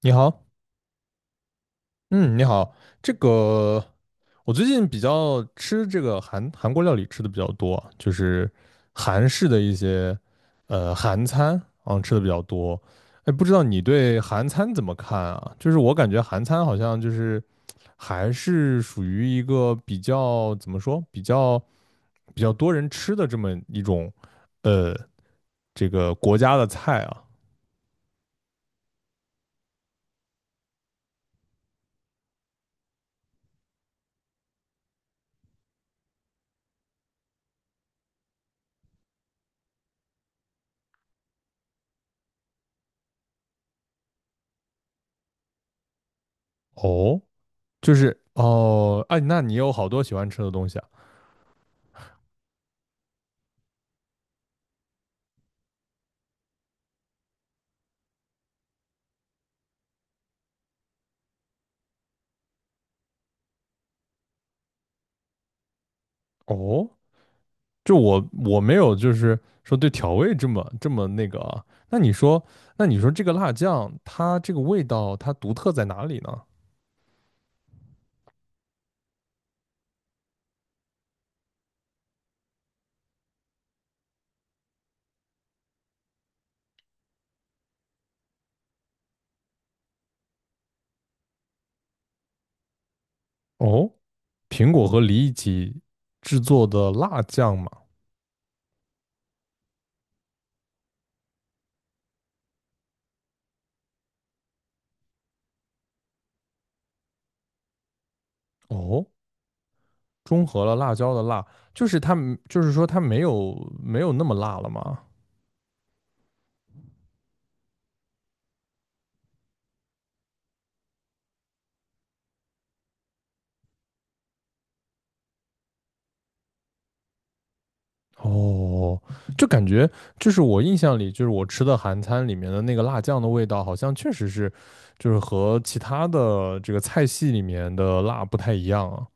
你好。嗯，你好。这个我最近比较吃这个韩国料理吃的比较多，就是韩式的一些韩餐啊吃的比较多。哎，不知道你对韩餐怎么看啊？就是我感觉韩餐好像就是还是属于一个比较怎么说，比较多人吃的这么一种呃这个国家的菜啊。哦，就是哦，哎，那你有好多喜欢吃的东西啊？哦，就我没有，就是说对调味这么那个啊。那你说，那你说这个辣酱它这个味道它独特在哪里呢？哦，苹果和梨一起制作的辣酱嘛。哦，中和了辣椒的辣，就是它就是说它没有，没有那么辣了吗？哦，就感觉就是我印象里，就是我吃的韩餐里面的那个辣酱的味道，好像确实是，就是和其他的这个菜系里面的辣不太一样啊。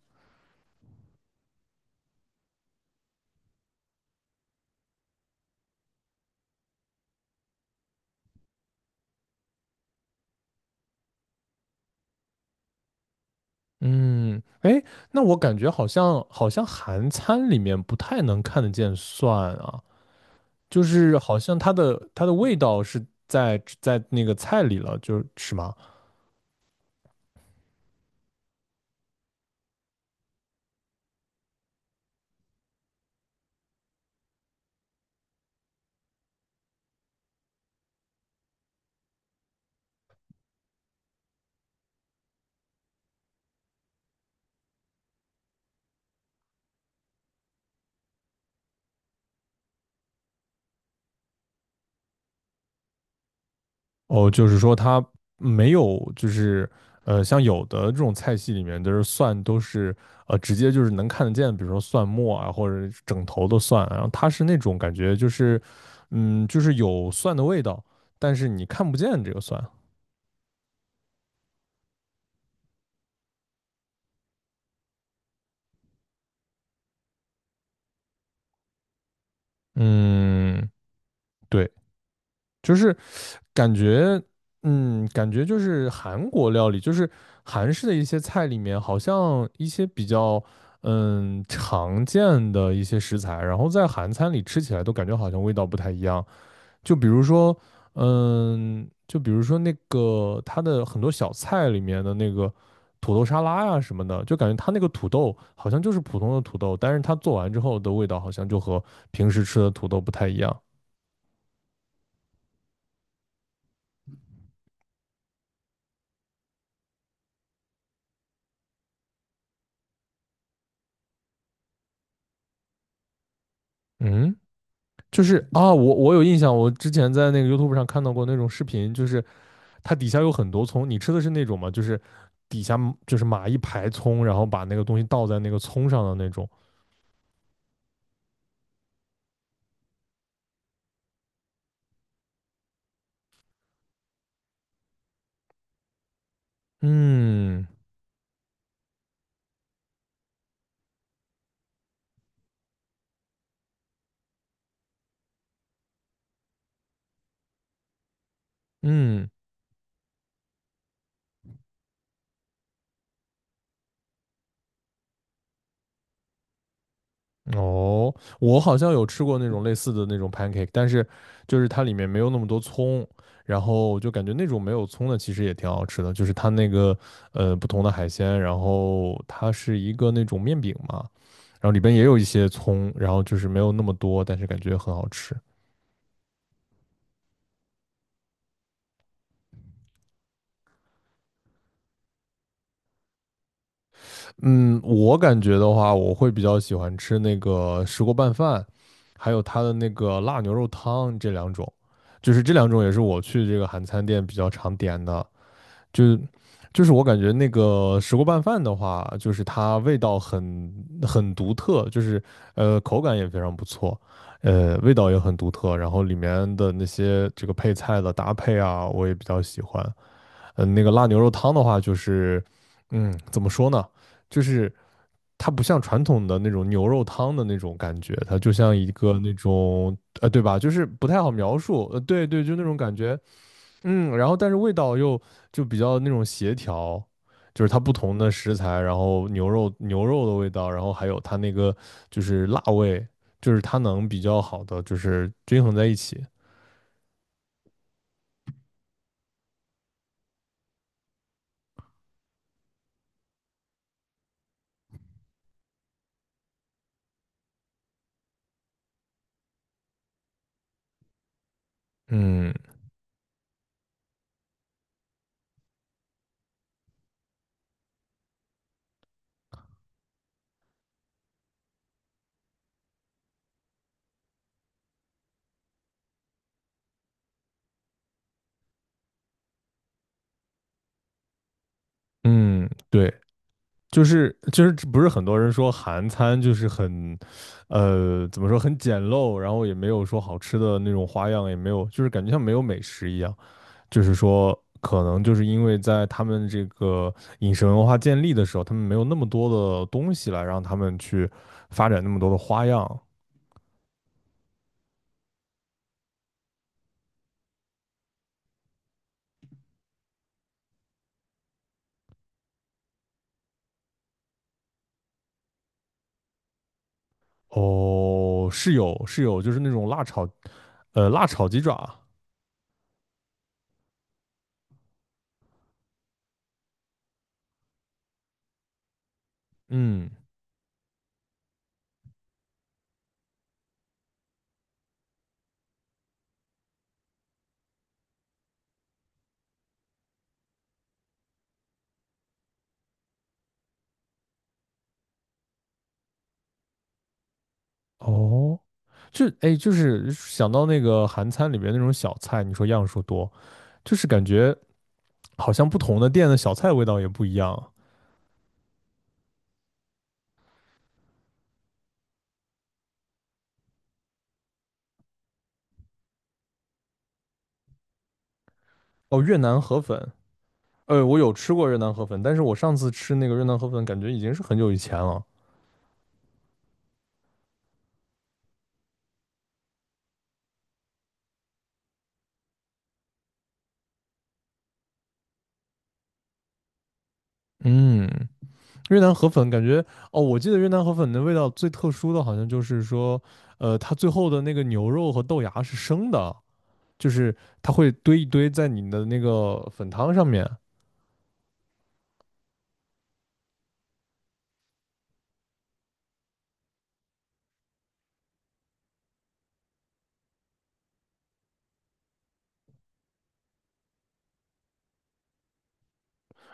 嗯，哎，那我感觉好像韩餐里面不太能看得见蒜啊，就是好像它的味道是在那个菜里了，就是是吗？哦，就是说它没有，就是呃，像有的这种菜系里面，都是直接就是能看得见，比如说蒜末啊，或者是整头的蒜啊然后它是那种感觉就是嗯，就是有蒜的味道，但是你看不见这个蒜。嗯，对，就是感觉，嗯，感觉就是韩国料理，就是韩式的一些菜里面，好像一些比较，嗯，常见的一些食材，然后在韩餐里吃起来都感觉好像味道不太一样。就比如说，嗯，就比如说那个它的很多小菜里面的那个土豆沙拉呀、什么的，就感觉它那个土豆好像就是普通的土豆，但是它做完之后的味道好像就和平时吃的土豆不太一样。嗯。就是啊，我有印象，我之前在那个 YouTube 上看到过那种视频，就是它底下有很多葱，你吃的是那种吗？就是底下就是码一排葱，然后把那个东西倒在那个葱上的那种。嗯嗯，哦，我好像有吃过那种类似的那种 pancake,但是就是它里面没有那么多葱，然后我就感觉那种没有葱的其实也挺好吃的，就是它那个不同的海鲜，然后它是一个那种面饼嘛。然后里边也有一些葱，然后就是没有那么多，但是感觉很好吃。嗯，我感觉的话，我会比较喜欢吃那个石锅拌饭，还有它的那个辣牛肉汤这两种，就是这两种也是我去这个韩餐店比较常点的。就就是我感觉那个石锅拌饭的话，就是它味道很独特，就是口感也非常不错。呃，味道也很独特，然后里面的那些这个配菜的搭配啊，我也比较喜欢。嗯、那个辣牛肉汤的话，就是嗯，怎么说呢？就是它不像传统的那种牛肉汤的那种感觉，它就像一个那种，对吧？就是不太好描述，对对，就那种感觉，嗯，然后但是味道又就比较那种协调。就是它不同的食材，然后牛肉的味道，然后还有它那个就是辣味，就是它能比较好的就是均衡在一起。嗯嗯，对，就是不是很多人说韩餐就是很，呃，怎么说很简陋，然后也没有说好吃的那种花样，也没有，就是感觉像没有美食一样。就是说，可能就是因为在他们这个饮食文化建立的时候，他们没有那么多的东西来让他们去发展那么多的花样。哦，是有是有，就是那种辣炒，辣炒鸡爪，嗯，哦。就哎，就是想到那个韩餐里边那种小菜，你说样数多，就是感觉好像不同的店的小菜味道也不一样啊。哦，越南河粉，呃，我有吃过越南河粉，但是我上次吃那个越南河粉，感觉已经是很久以前了。嗯，越南河粉感觉，哦，我记得越南河粉的味道最特殊的好像就是说，它最后的那个牛肉和豆芽是生的，就是它会堆一堆在你的那个粉汤上面，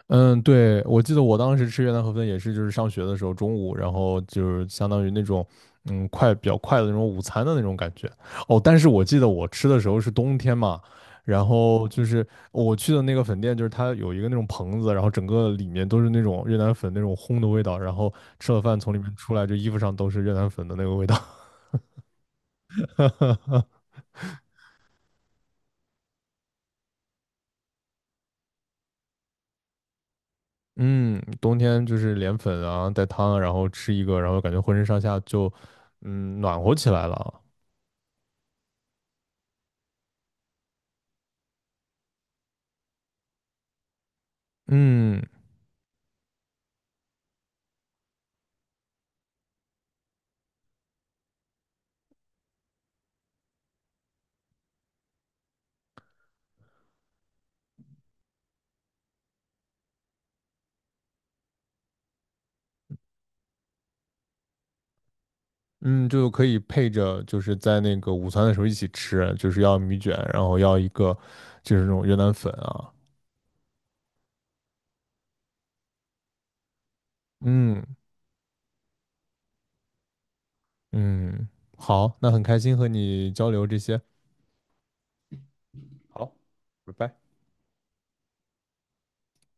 嗯，对，我记得我当时吃越南河粉也是，就是上学的时候中午，然后就是相当于那种，嗯，比较快的那种午餐的那种感觉。哦，但是我记得我吃的时候是冬天嘛，然后就是我去的那个粉店，就是它有一个那种棚子，然后整个里面都是那种越南粉那种烘的味道，然后吃了饭从里面出来，就衣服上都是越南粉的那个味道。嗯，冬天就是连粉啊，带汤啊，然后吃一个，然后感觉浑身上下就，嗯，暖和起来了。嗯嗯，就可以配着，就是在那个午餐的时候一起吃，就是要米卷，然后要一个就是那种越南粉啊。嗯嗯，好，那很开心和你交流这些，拜拜。